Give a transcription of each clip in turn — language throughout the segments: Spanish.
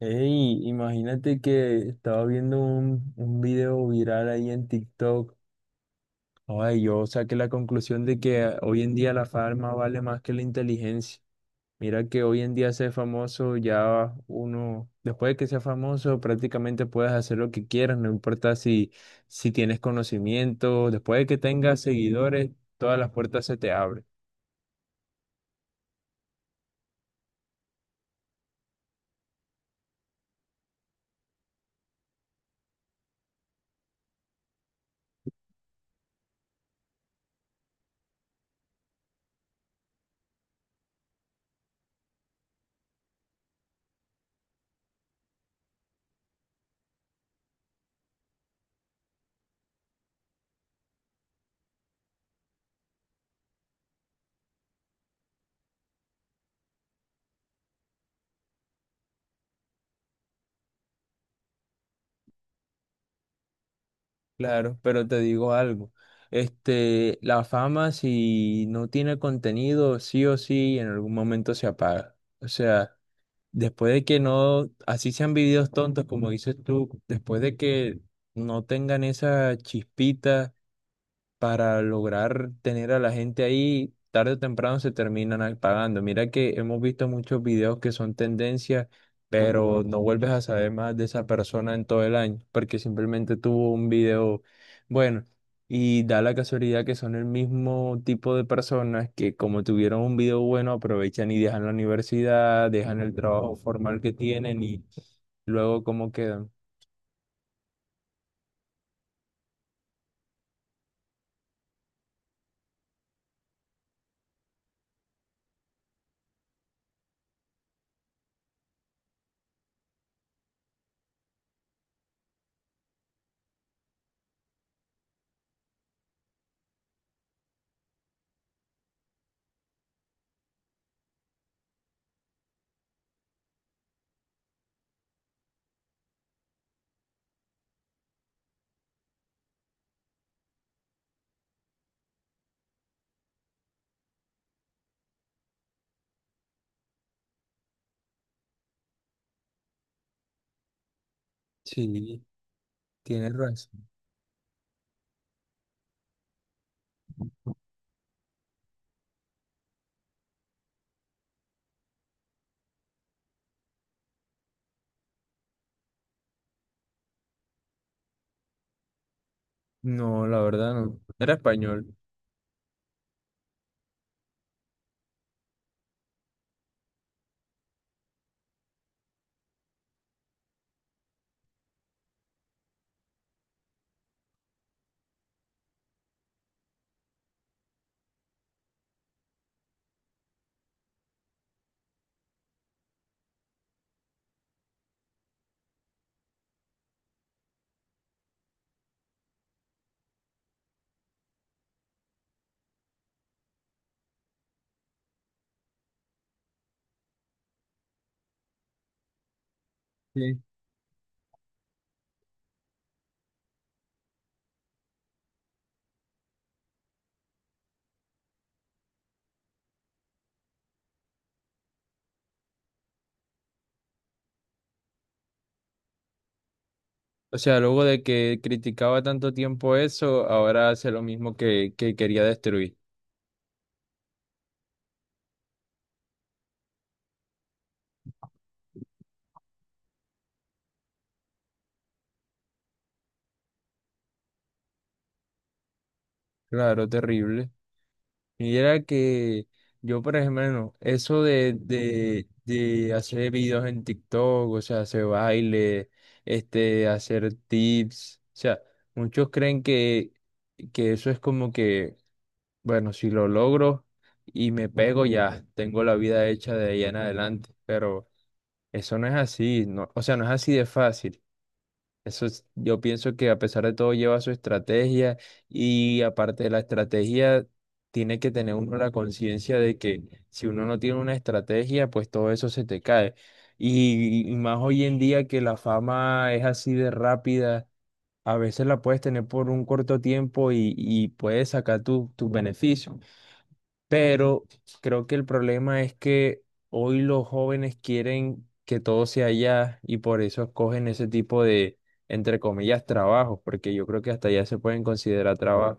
Ey, imagínate que estaba viendo un video viral ahí en TikTok. Ay, yo saqué la conclusión de que hoy en día la fama vale más que la inteligencia. Mira que hoy en día ser famoso ya uno, después de que sea famoso, prácticamente puedes hacer lo que quieras, no importa si tienes conocimiento, después de que tengas seguidores, todas las puertas se te abren. Claro, pero te digo algo. La fama, si no tiene contenido, sí o sí, en algún momento se apaga. O sea, después de que no, así sean videos tontos, como dices tú, después de que no tengan esa chispita, para lograr tener a la gente ahí, tarde o temprano se terminan pagando. Mira que hemos visto muchos videos que son tendencias, pero no vuelves a saber más de esa persona en todo el año, porque simplemente tuvo un video bueno. Y da la casualidad que son el mismo tipo de personas que como tuvieron un video bueno, aprovechan y dejan la universidad, dejan el trabajo formal que tienen y luego cómo quedan. Sí, tienes razón. No, la verdad no. Era español. O sea, luego de que criticaba tanto tiempo eso, ahora hace lo mismo que quería destruir. Claro, terrible. Y era que yo, por ejemplo, eso de hacer videos en TikTok, o sea, hacer baile, hacer tips, o sea, muchos creen que eso es como que, bueno, si lo logro y me pego, ya tengo la vida hecha de ahí en adelante, pero eso no es así, no, o sea, no es así de fácil. Yo pienso que a pesar de todo lleva su estrategia y aparte de la estrategia, tiene que tener uno la conciencia de que si uno no tiene una estrategia, pues todo eso se te cae. Y más hoy en día que la fama es así de rápida, a veces la puedes tener por un corto tiempo y puedes sacar tus beneficios. Pero creo que el problema es que hoy los jóvenes quieren que todo sea allá y por eso escogen ese tipo de, entre comillas, trabajos, porque yo creo que hasta allá se pueden considerar trabajo.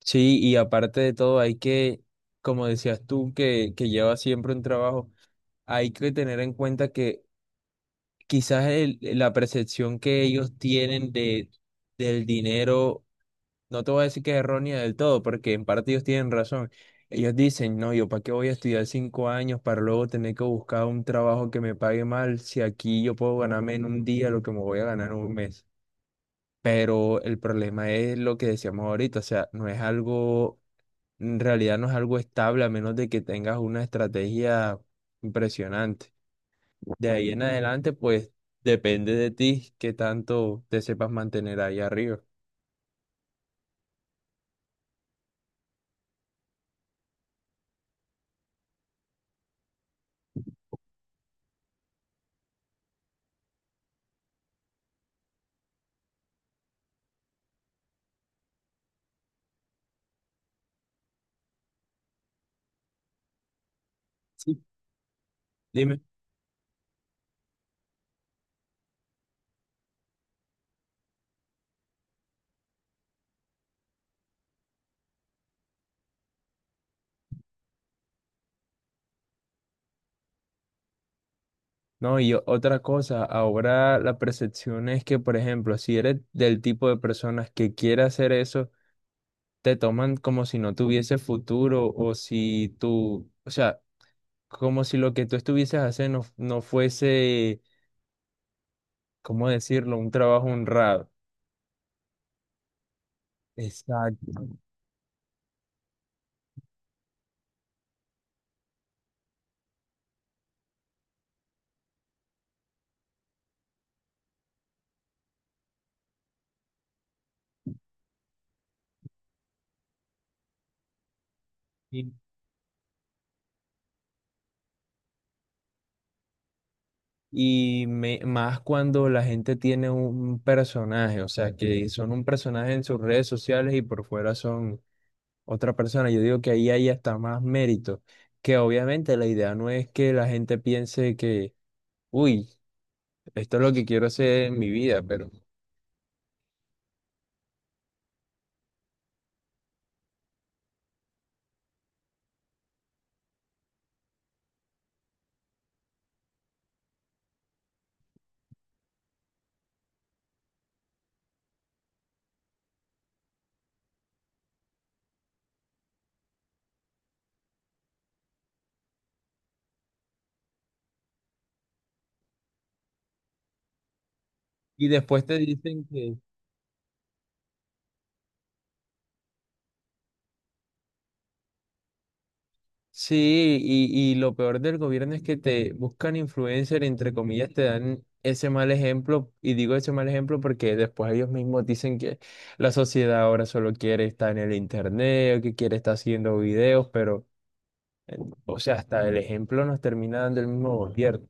Sí, y aparte de todo, hay que, como decías tú, que llevas siempre un trabajo, hay que tener en cuenta que quizás la percepción que ellos tienen del dinero. No te voy a decir que es errónea del todo, porque en parte ellos tienen razón. Ellos dicen, no, yo para qué voy a estudiar 5 años para luego tener que buscar un trabajo que me pague mal si aquí yo puedo ganarme en un día lo que me voy a ganar en un mes. Pero el problema es lo que decíamos ahorita, o sea, no es algo, en realidad no es algo estable a menos de que tengas una estrategia impresionante. De ahí en adelante, pues depende de ti qué tanto te sepas mantener ahí arriba. Sí. No, y otra cosa, ahora la percepción es que, por ejemplo, si eres del tipo de personas que quiere hacer eso, te toman como si no tuviese futuro o si tú, o sea, como si lo que tú estuvieses haciendo no, no fuese, ¿cómo decirlo?, un trabajo honrado. Exacto. Y, y más cuando la gente tiene un personaje, o sea, que son un personaje en sus redes sociales y por fuera son otra persona. Yo digo que ahí hay hasta más mérito, que obviamente la idea no es que la gente piense que, uy, esto es lo que quiero hacer en mi vida, pero. Y después te dicen que sí, y lo peor del gobierno es que te buscan influencer, entre comillas, te dan ese mal ejemplo, y digo ese mal ejemplo porque después ellos mismos dicen que la sociedad ahora solo quiere estar en el internet, o que quiere estar haciendo videos, pero, o sea, hasta el ejemplo nos termina dando el mismo gobierno.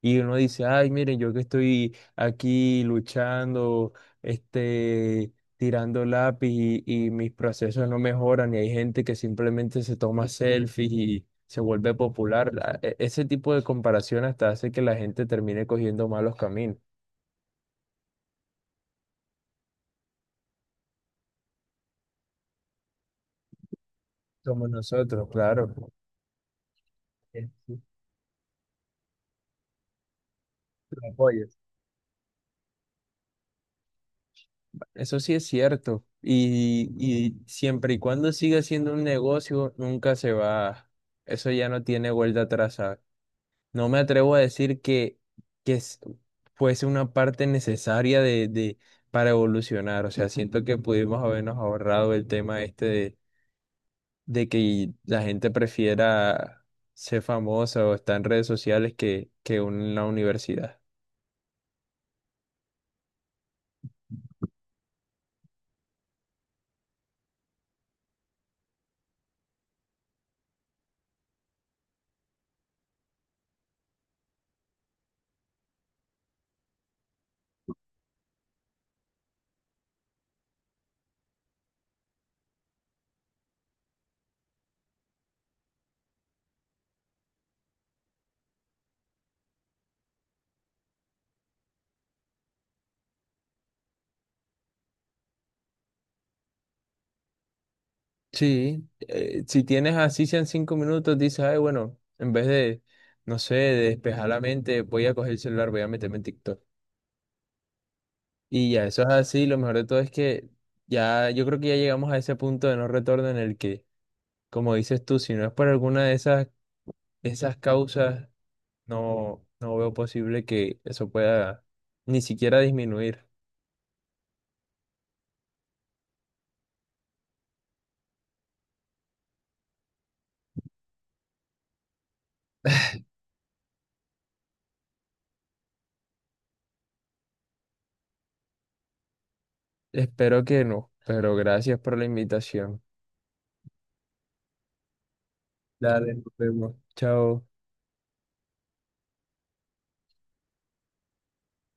Y uno dice, ay, miren, yo que estoy aquí luchando, tirando lápiz y mis procesos no mejoran, y hay gente que simplemente se toma selfies y se vuelve popular. Ese tipo de comparación hasta hace que la gente termine cogiendo malos caminos, como nosotros, claro. Sí, lo apoyas. Eso sí es cierto. Y siempre y cuando siga siendo un negocio, nunca se va. Eso ya no tiene vuelta atrás, ¿sabes? No me atrevo a decir que fuese una parte necesaria para evolucionar. O sea, siento que pudimos habernos ahorrado el tema este de que la gente prefiera ser famosa o estar en redes sociales que en la universidad. Sí, si tienes así sean 5 minutos, dices, ay, bueno, en vez de, no sé, de despejar la mente, voy a coger el celular, voy a meterme en TikTok. Y ya, eso es así. Lo mejor de todo es que ya, yo creo que ya llegamos a ese punto de no retorno en el que, como dices tú, si no es por alguna de esas causas, no veo posible que eso pueda ni siquiera disminuir. Espero que no, pero gracias por la invitación. Dale, nos vemos. Chao.